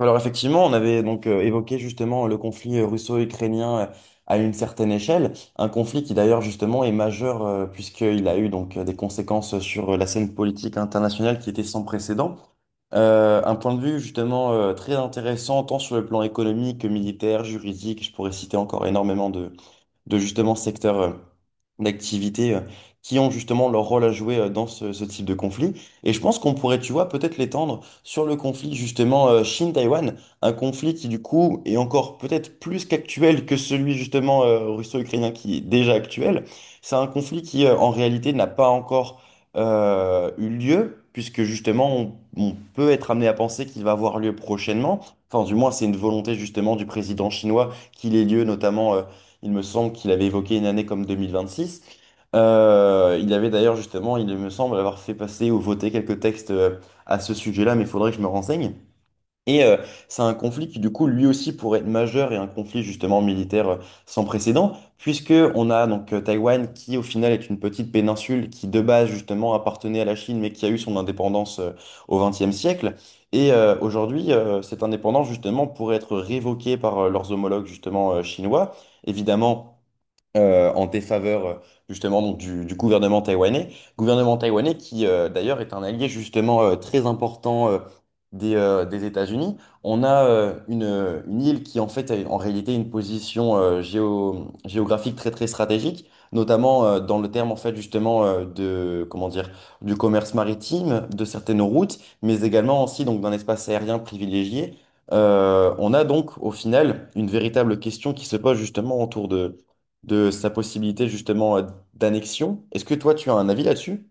Alors effectivement, on avait donc évoqué justement le conflit russo-ukrainien à une certaine échelle, un conflit qui d'ailleurs justement est majeur puisqu'il a eu donc des conséquences sur la scène politique internationale qui était sans précédent. Un point de vue justement très intéressant tant sur le plan économique que militaire, juridique, je pourrais citer encore énormément de justement secteurs d'activité qui ont justement leur rôle à jouer dans ce type de conflit. Et je pense qu'on pourrait, tu vois, peut-être l'étendre sur le conflit justement Chine-Taïwan, un conflit qui du coup est encore peut-être plus qu'actuel que celui justement russo-ukrainien qui est déjà actuel. C'est un conflit qui en réalité n'a pas encore eu lieu, puisque justement on peut être amené à penser qu'il va avoir lieu prochainement. Enfin, du moins, c'est une volonté justement du président chinois qu'il ait lieu notamment il me semble qu'il avait évoqué une année comme 2026. Il avait d'ailleurs justement, il me semble, avoir fait passer ou voter quelques textes à ce sujet-là, mais il faudrait que je me renseigne. Et euh, c'est un conflit qui, du coup, lui aussi pourrait être majeur et un conflit justement militaire sans précédent, puisque on a donc Taïwan qui, au final, est une petite péninsule qui, de base, justement, appartenait à la Chine, mais qui a eu son indépendance au XXe siècle. Et aujourd'hui, cette indépendance, justement, pourrait être révoquée par leurs homologues, justement, chinois. Évidemment en défaveur justement donc, du gouvernement taïwanais. Gouvernement taïwanais qui d'ailleurs est un allié justement très important des États-Unis. On a une île qui en fait a en réalité une position géographique très très stratégique, notamment dans le terme en fait justement de comment dire du commerce maritime, de certaines routes, mais également aussi donc d'un espace aérien privilégié. On a donc au final une véritable question qui se pose justement autour de sa possibilité justement d'annexion. Est-ce que toi, tu as un avis là-dessus?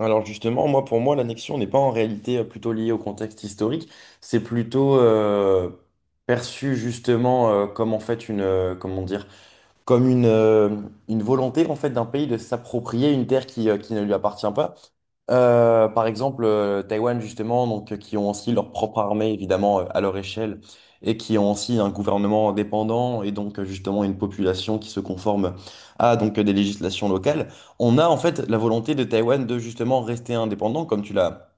Alors justement, moi pour moi, l'annexion n'est pas en réalité plutôt liée au contexte historique, c'est plutôt perçu justement comme en fait une, comme une volonté en fait d'un pays de s'approprier une terre qui ne lui appartient pas. Par exemple, Taïwan, justement, donc, qui ont aussi leur propre armée, évidemment, à leur échelle, et qui ont aussi un gouvernement indépendant, et donc, justement, une population qui se conforme à donc, des législations locales. On a, en fait, la volonté de Taïwan de, justement, rester indépendant, comme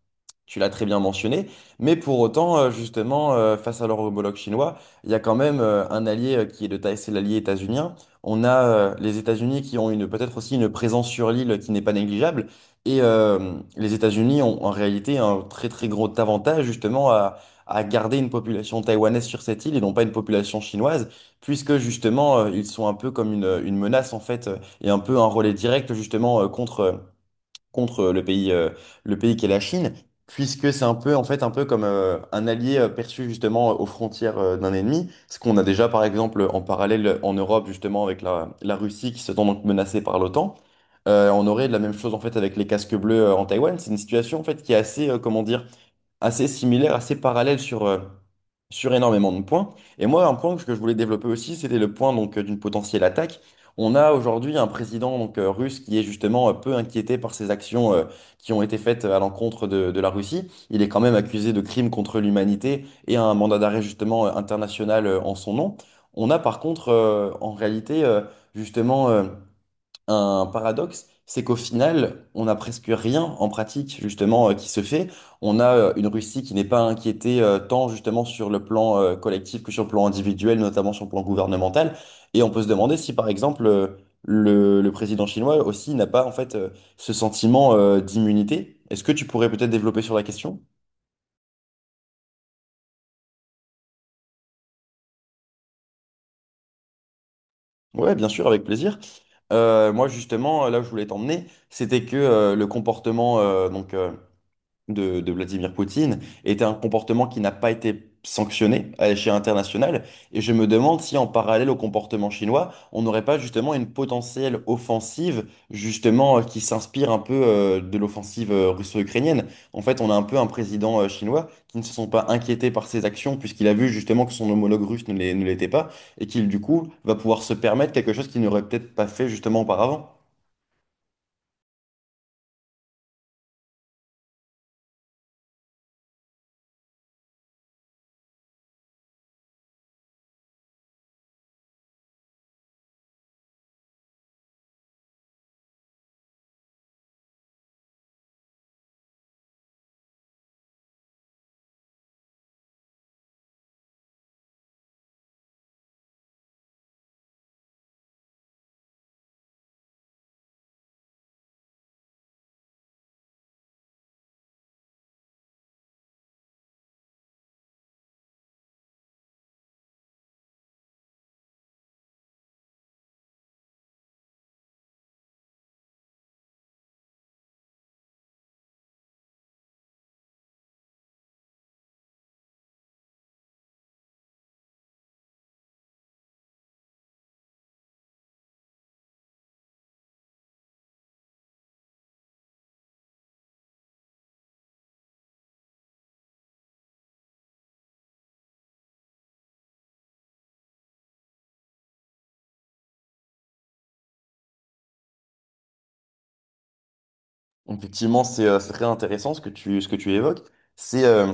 tu l'as très bien mentionné, mais pour autant, justement, face à leur homologue chinois, il y a quand même un allié qui est de taille, c'est l'allié états-unien. On a les États-Unis qui ont une peut-être aussi une présence sur l'île qui n'est pas négligeable, et les États-Unis ont en réalité un très très gros avantage justement à garder une population taïwanaise sur cette île et non pas une population chinoise, puisque justement ils sont un peu comme une menace en fait et un peu un relais direct justement contre contre le pays, le pays qu'est la Chine, puisque c'est un peu, en fait, un peu comme un allié perçu justement aux frontières d'un ennemi. Ce qu'on a déjà, par exemple, en parallèle en Europe, justement, avec la Russie qui se sent donc menacée par l'OTAN. On aurait la même chose, en fait, avec les casques bleus en Taïwan. C'est une situation, en fait, qui est assez, assez similaires, assez parallèles sur, sur énormément de points. Et moi, un point que je voulais développer aussi, c'était le point donc d'une potentielle attaque. On a aujourd'hui un président donc, russe qui est justement peu inquiété par ces actions qui ont été faites à l'encontre de la Russie. Il est quand même accusé de crimes contre l'humanité et a un mandat d'arrêt justement international en son nom. On a par contre en réalité justement un paradoxe, c'est qu'au final, on n'a presque rien en pratique justement qui se fait. On a une Russie qui n'est pas inquiétée tant justement sur le plan collectif que sur le plan individuel, notamment sur le plan gouvernemental. Et on peut se demander si par exemple le président chinois aussi n'a pas en fait ce sentiment d'immunité. Est-ce que tu pourrais peut-être développer sur la question? Ouais, bien sûr, avec plaisir. Moi justement, là où je voulais t'emmener, c'était que le comportement de Vladimir Poutine était un comportement qui n'a pas été sanctionné à l'échelle internationale. Et je me demande si en parallèle au comportement chinois, on n'aurait pas justement une potentielle offensive justement qui s'inspire un peu de l'offensive russo-ukrainienne. En fait, on a un peu un président chinois qui ne se sont pas inquiétés par ses actions puisqu'il a vu justement que son homologue russe ne l'était pas et qu'il du coup va pouvoir se permettre quelque chose qu'il n'aurait peut-être pas fait justement auparavant. Effectivement, c'est très intéressant ce que ce que tu évoques. C'est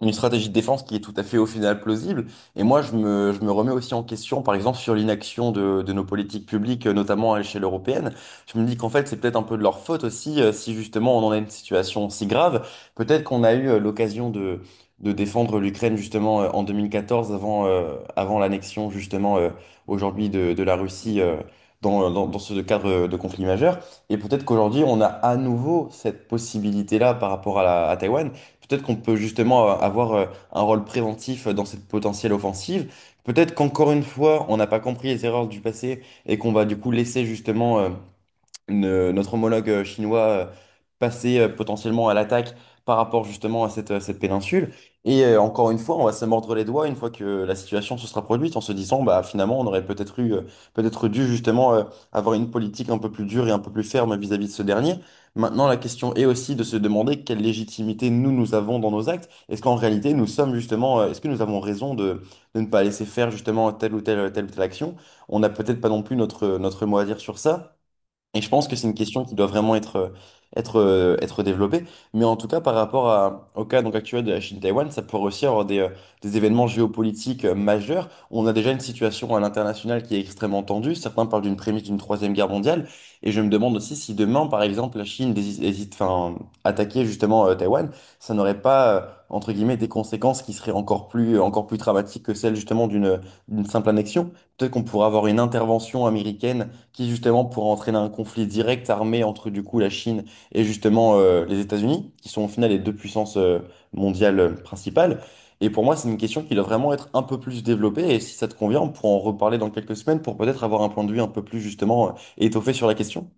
Une stratégie de défense qui est tout à fait au final plausible. Et moi, je me remets aussi en question, par exemple, sur l'inaction de nos politiques publiques, notamment à l'échelle européenne. Je me dis qu'en fait, c'est peut-être un peu de leur faute aussi, si justement on en a une situation si grave. Peut-être qu'on a eu l'occasion de défendre l'Ukraine justement en 2014, avant, avant l'annexion justement aujourd'hui de la Russie. Dans ce cadre de conflit majeur. Et peut-être qu'aujourd'hui, on a à nouveau cette possibilité-là par rapport à à Taïwan. Peut-être qu'on peut justement avoir un rôle préventif dans cette potentielle offensive. Peut-être qu'encore une fois, on n'a pas compris les erreurs du passé et qu'on va du coup laisser justement notre homologue chinois passer potentiellement à l'attaque par rapport justement à à cette péninsule. Encore une fois, on va se mordre les doigts une fois que la situation se sera produite en se disant, bah finalement, on aurait peut-être eu, peut-être dû justement avoir une politique un peu plus dure et un peu plus ferme vis-à-vis de ce dernier. Maintenant, la question est aussi de se demander quelle légitimité nous avons dans nos actes. Est-ce qu'en réalité, nous sommes justement, est-ce que nous avons raison de ne pas laisser faire justement telle ou telle action? On n'a peut-être pas non plus notre mot à dire sur ça. Et je pense que c'est une question qui doit vraiment être développée. Mais en tout cas, par rapport au cas donc, actuel de la Chine-Taïwan, ça pourrait aussi avoir des événements géopolitiques majeurs. On a déjà une situation à l'international qui est extrêmement tendue. Certains parlent d'une prémisse d'une troisième guerre mondiale. Et je me demande aussi si demain, par exemple, la Chine hésite, enfin, attaquer justement Taïwan, ça n'aurait pas, entre guillemets, des conséquences qui seraient encore plus dramatiques que celles justement d'une d'une simple annexion. Peut-être qu'on pourrait avoir une intervention américaine qui justement pourrait entraîner un conflit direct armé entre du coup la Chine et justement les États-Unis, qui sont au final les deux puissances mondiales principales. Et pour moi, c'est une question qui doit vraiment être un peu plus développée. Et si ça te convient, on pourra en reparler dans quelques semaines pour peut-être avoir un point de vue un peu plus justement étoffé sur la question.